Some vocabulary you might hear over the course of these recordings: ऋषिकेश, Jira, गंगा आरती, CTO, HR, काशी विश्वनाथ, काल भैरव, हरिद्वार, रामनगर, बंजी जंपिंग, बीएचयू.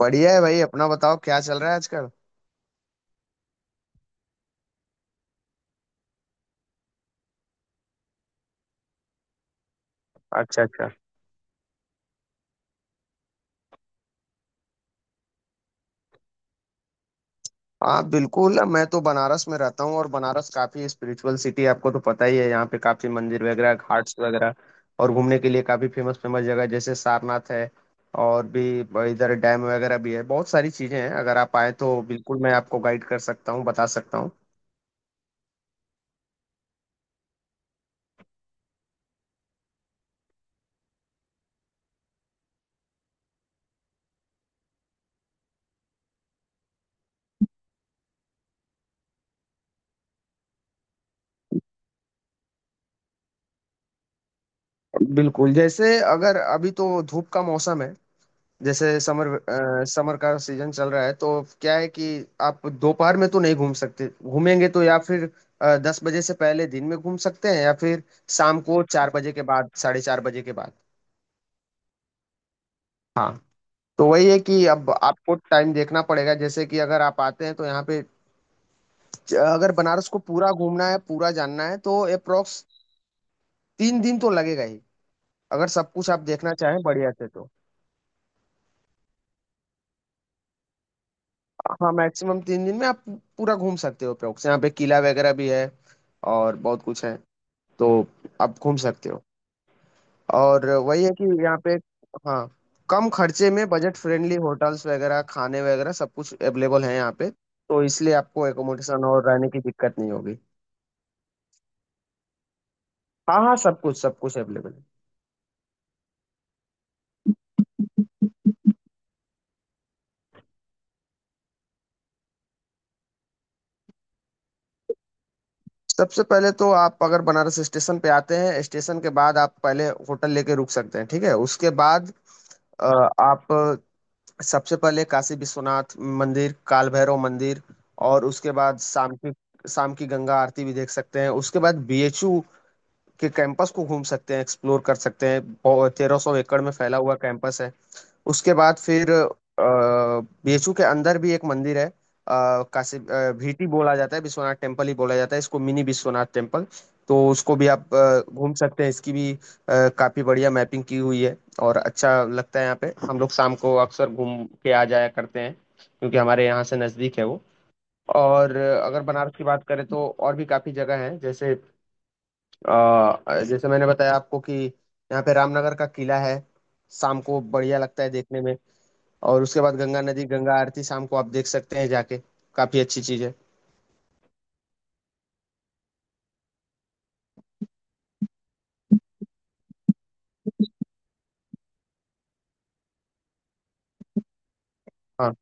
बढ़िया है भाई। अपना बताओ क्या चल रहा है आजकल। अच्छा अच्छा। हाँ बिल्कुल, मैं तो बनारस में रहता हूँ और बनारस काफी स्पिरिचुअल सिटी, आपको तो पता ही है। यहाँ पे काफी मंदिर वगैरह, घाट्स वगैरह और घूमने के लिए काफी फेमस फेमस जगह जैसे सारनाथ है। और भी इधर डैम वगैरह भी है। बहुत सारी चीजें हैं, अगर आप आए तो बिल्कुल मैं आपको गाइड कर सकता हूँ, बता सकता हूँ। बिल्कुल, जैसे अगर अभी तो धूप का मौसम है, जैसे समर समर का सीजन चल रहा है तो क्या है कि आप दोपहर में तो नहीं घूम सकते, घूमेंगे तो या फिर 10 बजे से पहले दिन में घूम सकते हैं, या फिर शाम को 4 बजे के बाद, 4:30 बजे के बाद। हाँ। तो वही है कि अब आपको टाइम देखना पड़ेगा, जैसे कि अगर आप आते हैं तो यहाँ पे अगर बनारस को पूरा घूमना है, पूरा जानना है तो अप्रोक्स 3 दिन तो लगेगा ही, अगर सब कुछ आप देखना चाहें बढ़िया से तो। हाँ मैक्सिमम 3 दिन में आप पूरा घूम सकते हो अप्रोक्स। यहाँ पे किला वगैरह भी है और बहुत कुछ है, तो आप घूम सकते हो। और वही है कि यहाँ पे, हाँ, कम खर्चे में बजट फ्रेंडली होटल्स वगैरह, खाने वगैरह सब कुछ अवेलेबल है यहाँ पे। तो इसलिए आपको एकोमोडेशन और रहने की दिक्कत नहीं होगी। हाँ हाँ, सब कुछ अवेलेबल है। सबसे पहले तो आप अगर बनारस स्टेशन पे आते हैं, स्टेशन के बाद आप पहले होटल लेके रुक सकते हैं, ठीक है। उसके बाद आप सबसे पहले काशी विश्वनाथ मंदिर, काल भैरव मंदिर, और उसके बाद शाम की गंगा आरती भी देख सकते हैं। उसके बाद बीएचयू के कैंपस को घूम सकते हैं, एक्सप्लोर कर सकते हैं। 1,300 एकड़ में फैला हुआ कैंपस है। उसके बाद फिर बीएचयू के अंदर भी एक मंदिर है, काशी भीटी बोला जाता है, विश्वनाथ टेम्पल ही बोला जाता है इसको, मिनी विश्वनाथ टेम्पल। तो उसको भी आप घूम सकते हैं, इसकी भी काफी बढ़िया मैपिंग की हुई है और अच्छा लगता है। यहाँ पे हम लोग शाम को अक्सर घूम के आ जाया करते हैं, क्योंकि हमारे यहाँ से नज़दीक है वो। और अगर बनारस की बात करें तो और भी काफी जगह है, जैसे अ, जैसे मैंने बताया आपको कि यहाँ पे रामनगर का किला है, शाम को बढ़िया लगता है देखने में। और उसके बाद गंगा नदी, गंगा आरती शाम को आप देख सकते हैं जाके, काफी अच्छी चीज है। हाँ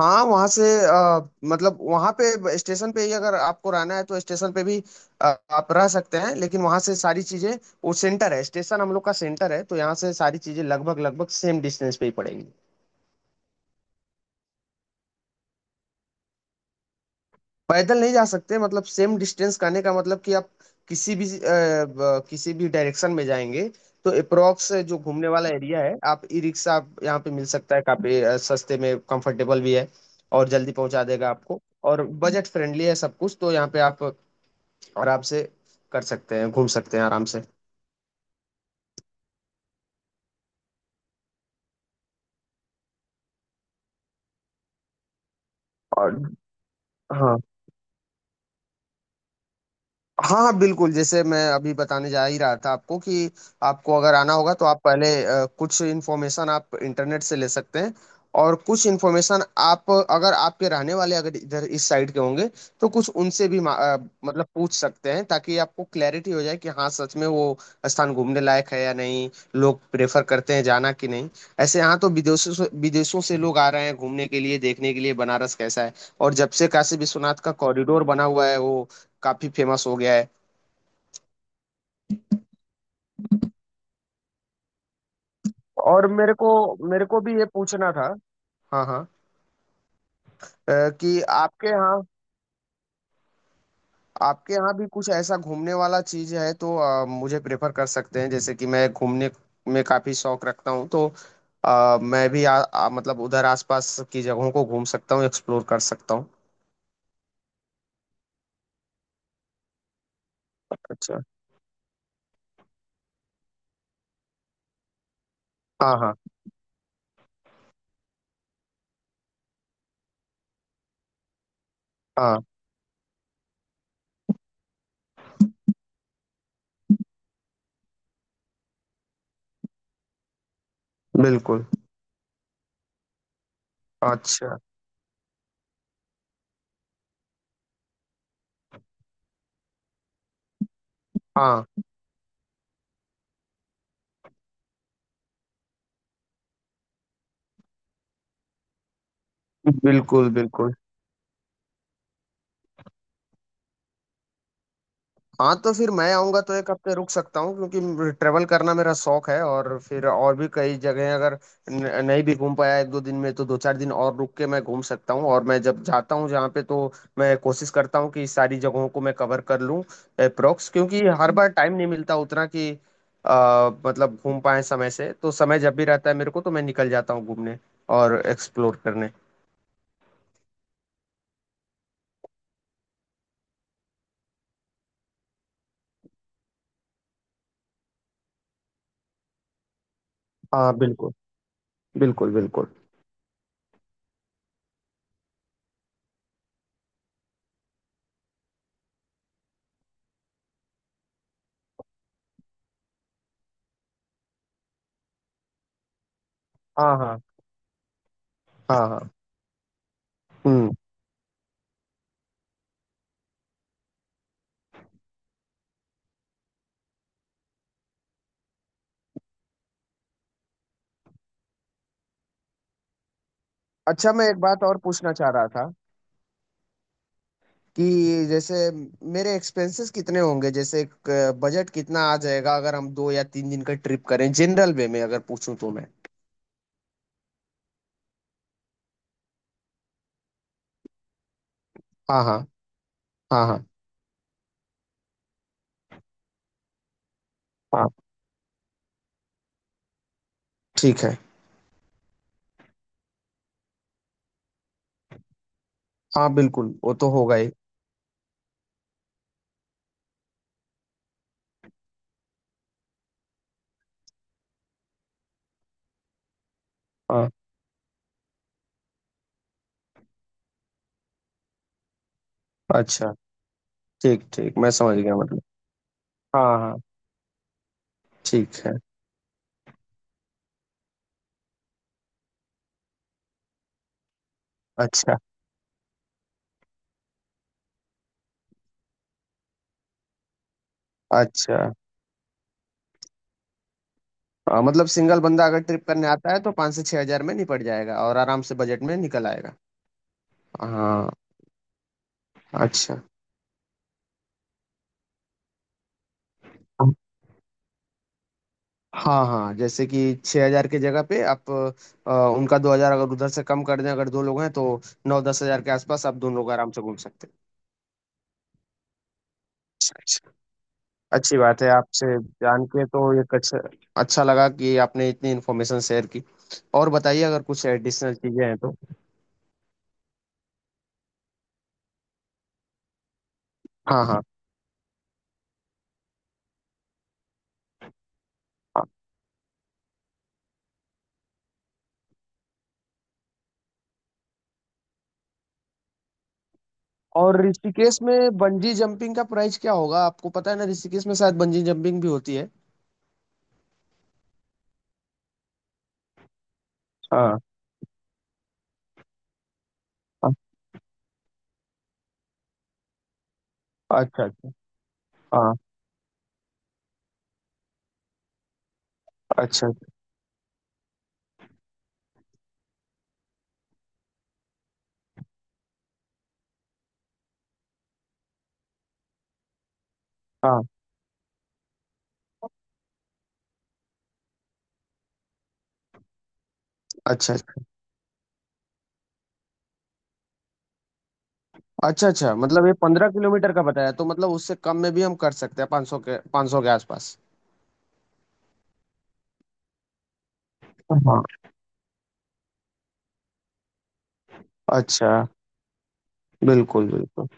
हाँ, वहाँ से मतलब वहाँ पे स्टेशन पे ही अगर आपको रहना है तो स्टेशन पे भी अ, आप रह सकते हैं, लेकिन वहाँ से सारी चीजें, वो सेंटर है, स्टेशन हम लोग का सेंटर है, तो यहाँ से सारी चीजें लगभग लगभग सेम डिस्टेंस पे ही पड़ेगी। पैदल नहीं जा सकते, मतलब सेम डिस्टेंस करने का मतलब कि आप किसी भी किसी भी डायरेक्शन में जाएंगे तो अप्रोक्स जो घूमने वाला एरिया है। आप ई रिक्शा आप यहाँ पे मिल सकता है, काफी सस्ते में, कंफर्टेबल भी है और जल्दी पहुंचा देगा आपको, और बजट फ्रेंडली है सब कुछ। तो यहाँ पे आप आराम से कर सकते हैं, घूम सकते हैं आराम से। और हाँ हाँ हाँ बिल्कुल, जैसे मैं अभी बताने जा ही रहा था आपको, कि आपको अगर आना होगा तो आप पहले कुछ इन्फॉर्मेशन आप इंटरनेट से ले सकते हैं, और कुछ इन्फॉर्मेशन आप, अगर आपके रहने वाले अगर इधर इस साइड के होंगे तो कुछ उनसे भी मतलब पूछ सकते हैं, ताकि आपको क्लैरिटी हो जाए कि हाँ सच में वो स्थान घूमने लायक है या नहीं, लोग प्रेफर करते हैं जाना कि नहीं। ऐसे यहाँ तो विदेशों से लोग आ रहे हैं घूमने के लिए, देखने के लिए बनारस कैसा है। और जब से काशी विश्वनाथ का कॉरिडोर बना हुआ है, वो काफी फेमस हो गया है। और मेरे को भी ये पूछना था। हाँ हाँ, अ, कि आपके यहाँ, आपके यहाँ भी कुछ ऐसा घूमने वाला चीज है तो मुझे प्रेफर कर सकते हैं, जैसे कि मैं घूमने में काफी शौक रखता हूँ तो मैं भी आ, आ, मतलब उधर आसपास की जगहों को घूम सकता हूँ, एक्सप्लोर कर सकता हूँ। अच्छा। हाँ हाँ हाँ बिल्कुल। अच्छा। हाँ बिल्कुल बिल्कुल। हाँ, तो फिर मैं आऊंगा तो एक हफ्ते रुक सकता हूँ, क्योंकि ट्रेवल करना मेरा शौक है। और फिर और भी कई जगह, अगर नहीं भी घूम पाया एक दो दिन में तो दो चार दिन और रुक के मैं घूम सकता हूँ। और मैं जब जाता हूँ जहाँ पे, तो मैं कोशिश करता हूँ कि सारी जगहों को मैं कवर कर लूँ अप्रोक्स, क्योंकि हर बार टाइम नहीं मिलता उतना कि मतलब घूम पाए समय से। तो समय जब भी रहता है मेरे को तो मैं निकल जाता हूँ घूमने और एक्सप्लोर करने। हाँ बिल्कुल बिल्कुल बिल्कुल। हाँ हाँ हाँ हाँ। हम्म। अच्छा मैं एक बात और पूछना चाह रहा था, कि जैसे मेरे एक्सपेंसेस कितने होंगे, जैसे बजट कितना आ जाएगा, अगर हम 2 या 3 दिन का ट्रिप करें, जनरल वे में अगर पूछूं तो मैं। हाँ हाँ हाँ हाँ हाँ। ठीक है। हाँ बिल्कुल वो तो होगा ही। हाँ। अच्छा ठीक ठीक, मैं समझ गया मतलब। हाँ हाँ। ठीक है। अच्छा अच्छा। हाँ, मतलब सिंगल बंदा अगर ट्रिप करने आता है तो 5 से 6 हजार में निपट जाएगा और आराम से बजट में निकल आएगा। हाँ। अच्छा। हाँ हाँ, जैसे कि 6 हजार की जगह पे आप उनका 2 हजार अगर उधर से कम कर दें, अगर दो लोग हैं तो 9-10 हजार के आसपास आप दोनों लोग आराम से घूम सकते हैं। अच्छा। अच्छी बात है आपसे जान के, तो ये अच्छा, अच्छा लगा कि आपने इतनी इन्फॉर्मेशन शेयर की। और बताइए अगर कुछ एडिशनल चीजें हैं तो। हाँ हाँ हाँ। और ऋषिकेश में बंजी जंपिंग का प्राइस क्या होगा, आपको पता है ना, ऋषिकेश में शायद बंजी जंपिंग भी होती है। हाँ हाँ, अच्छा अच्छा। हाँ। अच्छा। हाँ। अच्छा अच्छा अच्छा, मतलब ये 15 किलोमीटर का बताया, तो मतलब उससे कम में भी हम कर सकते हैं, 500 के, 500 के आसपास। हाँ। अच्छा। बिल्कुल बिल्कुल।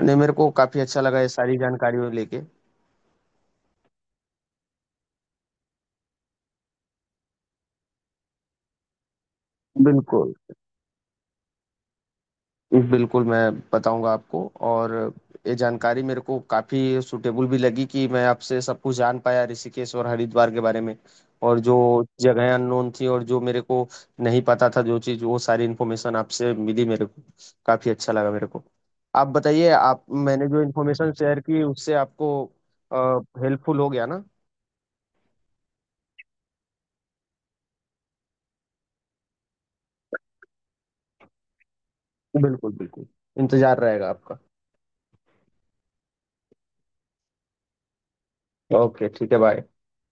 नहीं मेरे को काफी अच्छा लगा ये सारी जानकारी लेके। बिल्कुल बिल्कुल, मैं बताऊँगा आपको। और ये जानकारी मेरे को काफ़ी सूटेबल भी लगी, कि मैं आपसे सब कुछ जान पाया, ऋषिकेश और हरिद्वार के बारे में। और जो जगहें अननोन थी और जो मेरे को नहीं पता था जो चीज़, वो सारी इन्फॉर्मेशन आपसे मिली मेरे को, काफ़ी अच्छा लगा मेरे को। आप बताइए, आप, मैंने जो इन्फॉर्मेशन शेयर की उससे आपको हेल्पफुल हो गया ना? बिल्कुल, बिल्कुल। इंतज़ार रहेगा आपका। ओके, ठीक है, बाय।